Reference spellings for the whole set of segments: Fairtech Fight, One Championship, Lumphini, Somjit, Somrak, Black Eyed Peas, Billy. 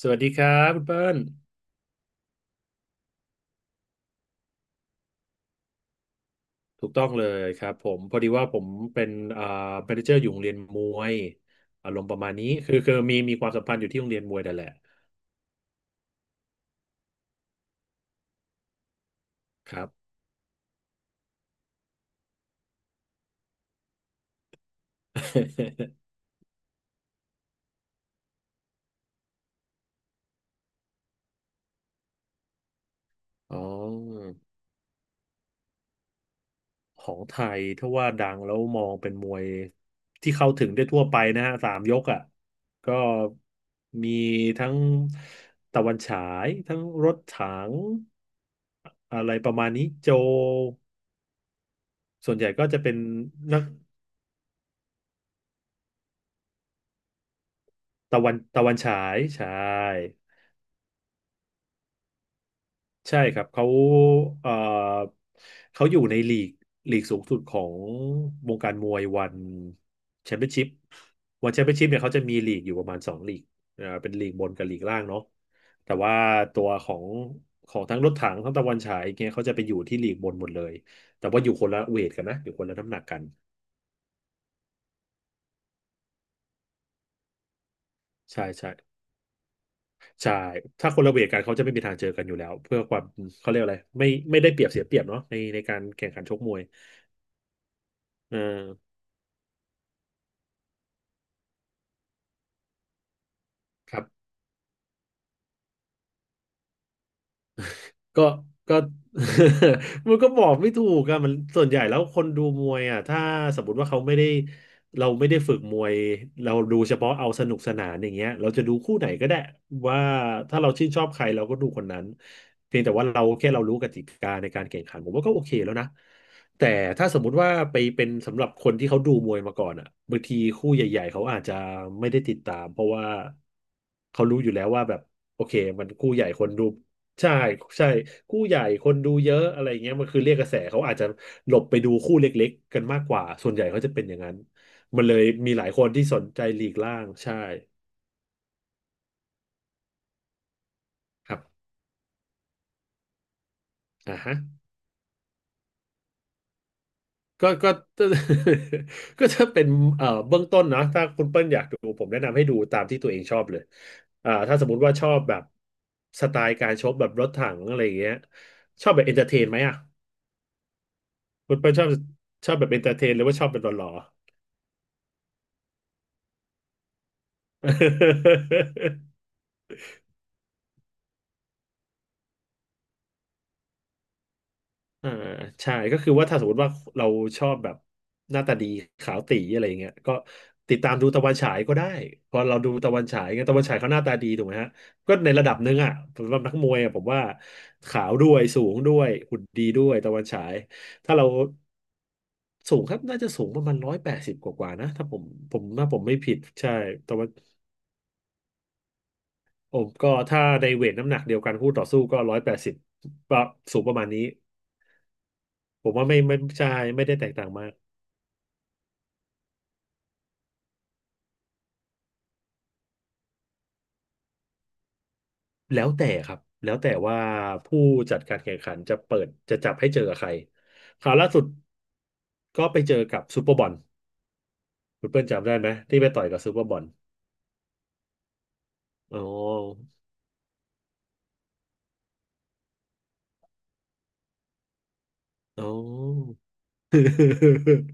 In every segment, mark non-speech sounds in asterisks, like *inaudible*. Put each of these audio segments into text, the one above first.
สวัสดีครับคุณเปิ้ลถูกต้องเลยครับผมพอดีว่าผมเป็นอ่าแมเนเจอร์อยู่โรงเรียนมวยอารมณ์ประมาณนี้คือมีความสัมพันธ์อยู่ที่โรงเรียนมวยนั่นแหละครับ *laughs* อ๋อของไทยถ้าว่าดังแล้วมองเป็นมวยที่เข้าถึงได้ทั่วไปนะฮะสามยกอ่ะก็มีทั้งตะวันฉายทั้งรถถังอะไรประมาณนี้โจส่วนใหญ่ก็จะเป็นนัก ตะวันฉายใช่ใช่ครับเขาเอ่อเขาอยู่ในลีกสูงสุดของวงการมวยวันแชมเปี้ยนชิพวันแชมเปี้ยนชิพเนี่ยเขาจะมีลีกอยู่ประมาณสองลีกอ่าเป็นลีกบนกับลีกล่างเนาะแต่ว่าตัวของทั้งรถถังทั้งตะวันฉายเนี่ยเขาจะไปอยู่ที่ลีกบนหมดเลยแต่ว่าอยู่คนละเวทกันนะอยู่คนละน้ำหนักกันใช่ใช่ ใช่ ถ้าคนละเวทกันเขาจะไม่มีทางเจอกันอยู่แล้วเพื่อความเขาเรียกอะไรไม่ได้เปรียบเสียเปรียบเนาะในการแข่งขันชกมวยเออครับ ก็ก็ *laughs* มันก็บอกไม่ถูกอะมันส่วนใหญ่แล้วคนดูมวยอะถ้าสมมติว่าเขาไม่ได้เราไม่ได้ฝึกมวยเราดูเฉพาะเอาสนุกสนานอย่างเงี้ยเราจะดูคู่ไหนก็ได้ว่าถ้าเราชื่นชอบใครเราก็ดูคนนั้นเพียงแต่ว่าเราแค่เรารู้กติกาในการแข่งขันผมว่าก็โอเคแล้วนะแต่ถ้าสมมุติว่าไปเป็นสำหรับคนที่เขาดูมวยมาก่อนอ่ะบางทีคู่ใหญ่ๆเขาอาจจะไม่ได้ติดตามเพราะว่าเขารู้อยู่แล้วว่าแบบโอเคมันคู่ใหญ่คนดู ใช่ใช่คู่ใหญ่คนดูเยอะอะไรเงี้ยมันคือเรียกกระแสเขาอาจจะหลบไปดูคู่เล็กๆกันมากกว่าส่วนใหญ่เขาจะเป็นอย่างนั้นมันเลยมีหลายคนที่สนใจลีกล่างใช่ครับอ่าฮะก็ *laughs* ก็จะเป็นเบื้องต้นนะถ้าคุณเปิ้ลอยากดูผมแนะนำให้ดูตามที่ตัวเองชอบเลยอ่าถ้าสมมุติว่าชอบแบบสไตล์การชกแบบรถถังอะไรเงี้ยชอบแบบเอนเตอร์เทนไหมอ่ะคุณเปิ้ลชอบชอบแบบเอนเตอร์เทนหรือว่าชอบแบบหล่อๆ อ่าใช่ก็คือว่าถ้าสมมติว่าเราชอบแบบหน้าตาดีขาวตี๋อะไรอย่างเงี้ยก็ติดตามดูตะวันฉายก็ได้พอเราดูตะวันฉายเงี้ยตะวันฉายเขาหน้าตาดีถูกไหมฮะก็ในระดับหนึ่งอ่ะสำหรับนักมวยอ่ะผมว่าขาวด้วยสูงด้วยหุ่นดีด้วยตะวันฉายถ้าเราสูงครับน่าจะสูงประมาณ180 กว่าๆนะถ้าผมผมถ้าผมไม่ผิดใช่แต่ว่าผมก็ถ้าในเวทน้ำหนักเดียวกันคู่ต่อสู้ก็ร้อยแปดสิบสูงประมาณนี้ผมว่าไม่ใช่ไม่ได้แตกต่างมาก แล้วแต่ครับแล้วแต่ว่าผู้จัดการแข่งขันจะเปิดจะจับให้เจอกับใครคราวล่าสุดก็ไปเจอกับซูเปอร์บอลคุณเปิ้ลจำได้ไหมที่ไปต่อยกับซูเปอร์บอลอ๋ออ๋อ *laughs*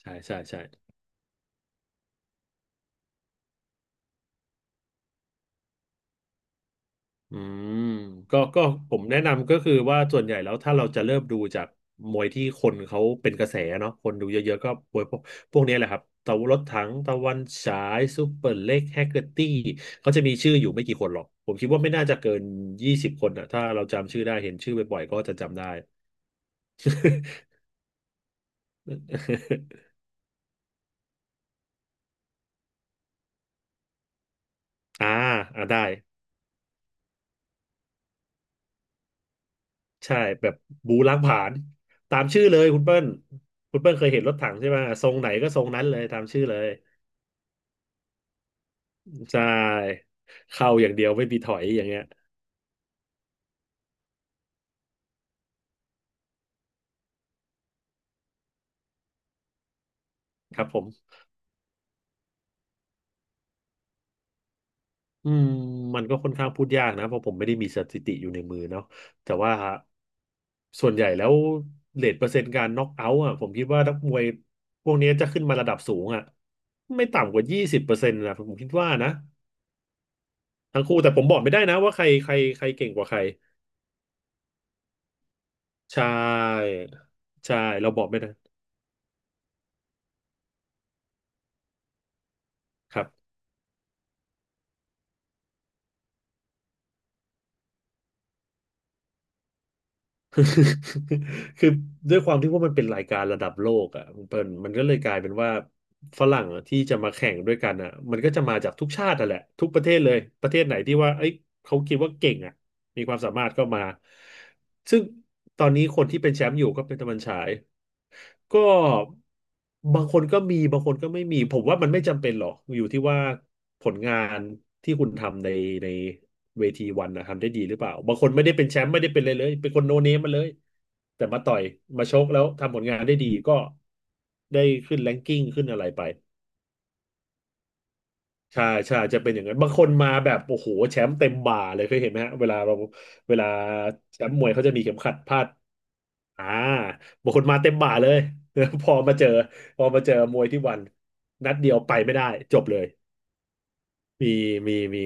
ใช่ใช่ใช่ อืมก็ผมแนะนำก็คือว่าส่วนใหญ่แล้วถ้าเราจะเริ่มดูจากมวยที่คนเขาเป็นกระแสเนาะคนดูเยอะๆก็มวยพวกนี้แหละครับตะวันรถถังตะวันฉายซูเปอร์เล็กแฮกเกอร์ตี้เขาจะมีชื่ออยู่ไม่กี่คนหรอกผมคิดว่าไม่น่าจะเกิน20 คนอ่ะถ้าเราจำชื่อได้เห็นชื่อบ่อยๆก็จะจำได้ *laughs* อ่าอ่าได้ใช่แบบบูล้างผลาญตามชื่อเลยคุณเปิ้ลคุณเปิ้ลเคยเห็นรถถังใช่ไหมทรงไหนก็ทรงนั้นเลยตามชื่อเลย ใช่เข้าอย่างเดียวไม่มีถอยอย่างเงี้ยครับผมอืมมันก็ค่อนข้างพูดยากนะเพราะผมไม่ได้มีสถิติอยู่ในมือเนาะแต่ว่าส่วนใหญ่แล้วเรทเปอร์เซ็นต์การน็อกเอาท์อ่ะผมคิดว่านักมวยพวกนี้จะขึ้นมาระดับสูงอ่ะไม่ต่ำกว่า20%นะผมคิดว่านะทั้งคู่แต่ผมบอกไม่ได้นะว่าใครใครใครเก่งกว่าใครใช่ใช่เราบอกไม่ได้ครับ *laughs* คือคือด้วยความที่ว่ามันเป็นรายการระดับโลกอ่ะมันเป็นมันก็เลยกลายเป็นว่าฝรั่งอะที่จะมาแข่งด้วยกันอ่ะมันก็จะมาจากทุกชาติอ่ะแหละทุกประเทศเลยประเทศไหนที่ว่าเอ้ยเขาคิดว่าเก่งอ่ะ มีความสามารถก็มา ซึ่งตอนนี้คนที่เป็นแชมป์อยู่ก็เป็นตะวันฉายก็บางคนก็มีบางคนก็ไม่มี ผมว่ามันไม่จำเป็นหรอกอยู่ที่ว่าผลงานที่คุณทำในเวทีวันนะทำได้ดีหรือเปล่าบางคนไม่ได้เป็นแชมป์ไม่ได้เป็นอะไรเลยเป็นคนโนเนมมาเลยแต่มาต่อยมาชกแล้วทำผลงานได้ดีก็ได้ขึ้นแรงกิ้งขึ้นอะไรไป ใช่ใช่จะเป็นอย่างนั้นบางคนมาแบบโอ้โหแชมป์เต็มบ่าเลยเคยเห็นไหมฮะเวลาเราเวลาแชมป์มวยเขาจะมีเข็มขัดพาดอ่าบางคนมาเต็มบ่าเลย *laughs* พอมาเจอพอมาเจอมวยที่วันนัดเดียวไปไม่ได้จบเลยมีมี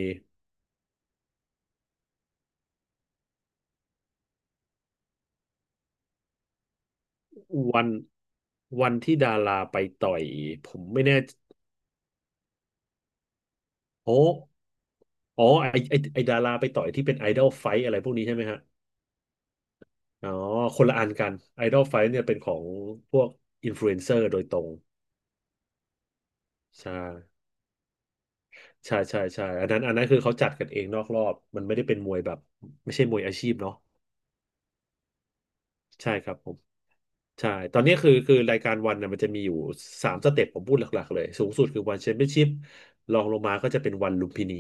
วันวันที่ดาราไปต่อยผมไม่แน่โอ้อ๋อไอไอไอดาราไปต่อยที่เป็นไอดอลไฟอะไรพวกนี้ใช่ไหมฮะอ๋อคนละอันกันไอดอลไฟเนี่ยเป็นของพวกอินฟลูเอนเซอร์โดยตรง ใช่ใช่ใช่ใช่อันนั้นอันนั้นคือเขาจัดกันเองนอกรอบ มันไม่ได้เป็นมวยแบบไม่ใช่มวยอาชีพเนาะใช่ครับผมใช่ตอนนี้คือรายการวันน่ะมันจะมีอยู่สามสเต็ปผมพูดหลักๆเลยสูงสุดคือวันแชมเปี้ยนชิพรองลงมาก็จะเป็นวันลุมพินี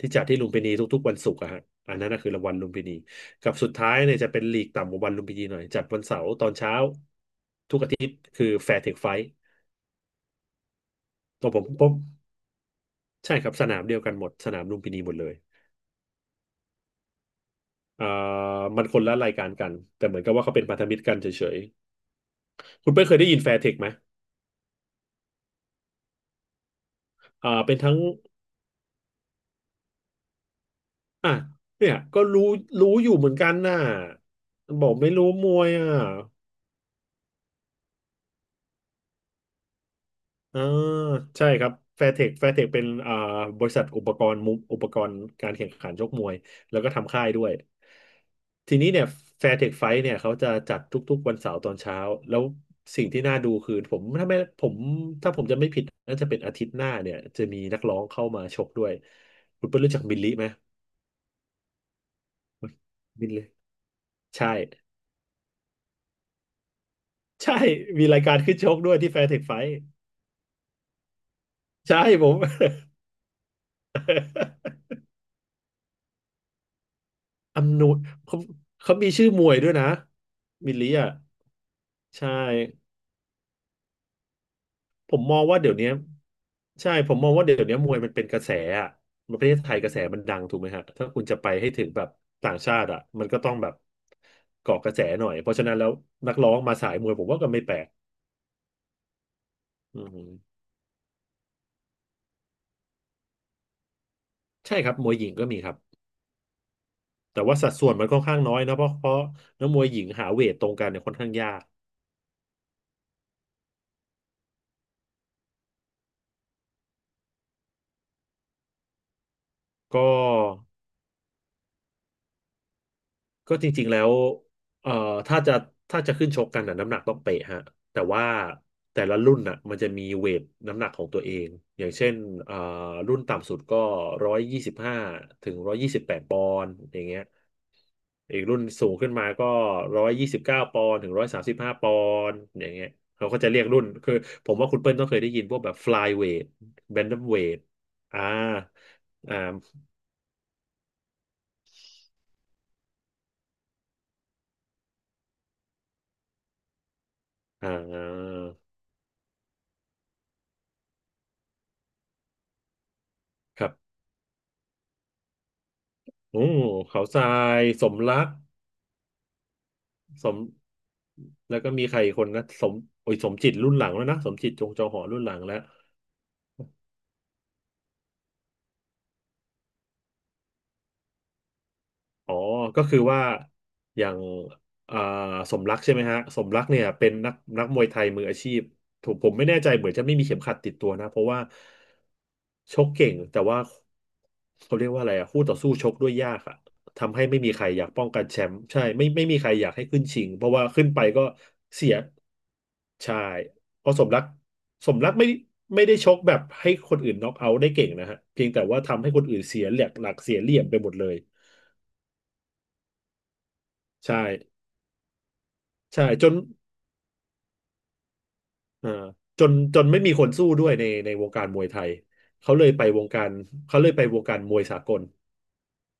ที่จัดที่ลุมพินีทุกๆวันศุกร์อะฮะอันนั้นก็คือรางวัลลุมพินีกับสุดท้ายเนี่ยจะเป็นลีกต่ำกว่าวันลุมพินีหน่อยจัดวันเสาร์ตอนเช้าทุกอาทิตย์คือแฟร์เทคไฟท์ตัวผมผมใช่ครับสนามเดียวกันหมดสนามลุมพินีหมดเลย อ่ามันคนละรายการกันแต่เหมือนกับว่าเขาเป็นพันธมิตรกันเฉยๆคุณเป้ยเคยได้ยินแฟร์เทคไหมอ่าเป็นทั้งอ่ะเนี่ยก็รู้อยู่เหมือนกันน่ะบอกไม่รู้มวยอ่ะ อ่าใช่ครับแฟร์เทคแฟร์เทคเป็นบริษัทอุปกรณ์อุปกรณ์การแข่งขันชกมวยแล้วก็ทำค่ายด้วยทีนี้เนี่ยแฟร์เทคไฟท์เนี่ยเขาจะจัดทุกๆวันเสาร์ตอนเช้าแล้วสิ่งที่น่าดูคือผมถ้าผมจะไม่ผิดน่าจะเป็นอาทิตย์หน้าเนี่ยจะมีนักร้องเข้ามาชกด้วยคุณเปิ้ลรู้จักบิลลี่ไหมบิลลี่ใช่ใช่มีรายการขึ้นชกด้วยที่แฟร์เทคไฟท์ใช่ผม *laughs* อำนวยเขาเขามีชื่อมวยด้วยนะบิลลี่อ่ะ ใช่ผมมองว่าเดี๋ยวนี้ใช่ผมมองว่าเดี๋ยวนี้มวยมันเป็นกระแสอ่ะประเทศไทยกระแสมันดังถูกไหมฮะถ้าคุณจะไปให้ถึงแบบต่างชาติอ่ะมันก็ต้องแบบเกาะกระแสหน่อยเพราะฉะนั้นแล้วนักร้องมาสายมวยผมว่าก็ไม่แปลกอืมใช่ครับมวยหญิงก็มีครับแต่ว่าสัดส่วนมันค่อนข้างน้อยนะเพราะนักมวยหญิงหาเวทตรงกันเนี่ยค่อนข้างยากก็ ก็จริงๆแล้วเอ่อถ้าจะถ้าจะขึ้นชกกันน่ะน้ำหนักต้องเป๊ะฮะแต่ว่าแต่ละรุ่นน่ะมันจะมีเวทน้ำหนักของตัวเอง อย่างเช่นเอ่อรุ่นต่ำสุดก็125ถึง128 ปอนด์อย่างเงี้ยอีกรุ่นสูงขึ้นมาก็129 ปอนด์ถึง135 ปอนด์อย่างเงี้ยเขาก็จะเรียกรุ่นคือผมว่าคุณเปิ้ลต้องเคยได้ยินพวกแบบ flyweight bantamweight อ่าอ่าอ่าครับ โอ้เขาทรายสมรัก สมแล้วก็มีใครอีกคนนะโอ้ยสมจิตรุ่นหลังแล้วนะสมจิตจงจอหอรุ่นหลังแล้ว อ๋อ ก็คือว่าอย่างเอ่สมรักใช่ไหมฮะสมรักเนี่ยเป็นนักมวยไทยมืออาชีพถูกผมไม่แน่ใจเหมือนจะไม่มีเข็มขัดติดตัวนะเพราะว่าชกเก่งแต่ว่าเขาเรียกว่าอะไรอะคู่ต่อสู้ชกด้วยยากอะทำให้ไม่มีใครอยากป้องกันแชมป์ใช่ไม่มีใครอยากให้ขึ้นชิงเพราะว่าขึ้นไปก็เสียใช่เพราะสมรักไม่ได้ชกแบบให้คนอื่นน็อกเอาท์ได้เก่งนะฮะเพียงแต่ว่าทำให้คนอื่นเสียหลักเสียเหลี่ยมไปหมดเลยใช่ ใช่จนเอ่อจนจนไม่มีคนสู้ด้วยในวงการมวยไทยเขาเลยไปวงการเขาเลยไปวงการมวยสากล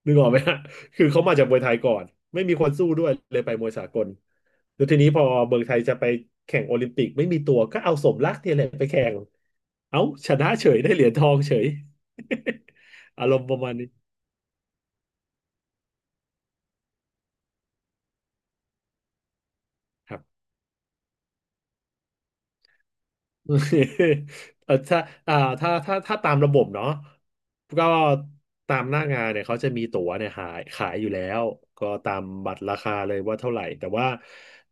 นึกออกไหมฮะคือเขามาจากมวยไทยก่อนไม่มีคนสู้ด้วยเลยไปมวยสากลแล้วทีนี้พอเมืองไทยจะไปแข่งโอลิมปิกไม่มีตัวก็เอาสมรักเนี่ยแหละไปแข่งเอ้าชนะเฉยได้เหรียญทองเฉย *laughs* อารมณ์ประมาณนี้ครับ *laughs* เออถ้าอ่าถ้าตามระบบเนาะก็ตามหน้างานเนี่ยเขาจะมีตั๋วเนี่ยหายขายอยู่แล้ว ก็ตามบัตรราคาเลยว่าเท่าไหร่แต่ว่า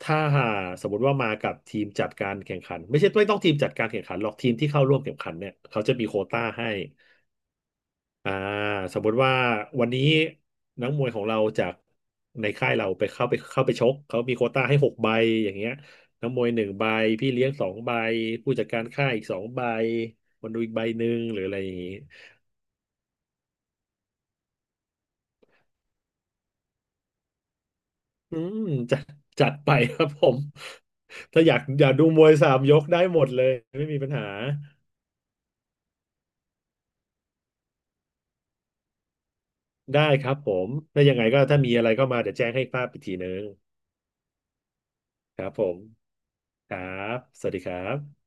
ถ้าหาสมมติว่ามากับทีมจัดการแข่งขันไม่ใช่ไม่ต้องทีมจัดการแข่งขันหรอกทีมที่เข้าร่วมแข่งขันเนี่ยเขาจะมีโควต้าให้ อ่าสมมติว่าวันนี้นักมวยของเราจากในค่ายเราไปเข้าไปชกเขามีโควต้าให้หกใบอย่างเงี้ยนักมวยหนึ่งใบพี่เลี้ยงสองใบผู้จัดการค่ายอีกสองใบคนดูอีกใบหนึ่งหรืออะไรอย่างงี้อืมจัดจัดไปครับผมถ้าอยากดูมวยสามยกได้หมดเลยไม่มีปัญหาได้ครับผมแล้วยังไงก็ถ้ามีอะไรเข้ามาเดี๋ยวแจ้งให้ทราบอีกทีนึงครับผมครับสวัสดีครับ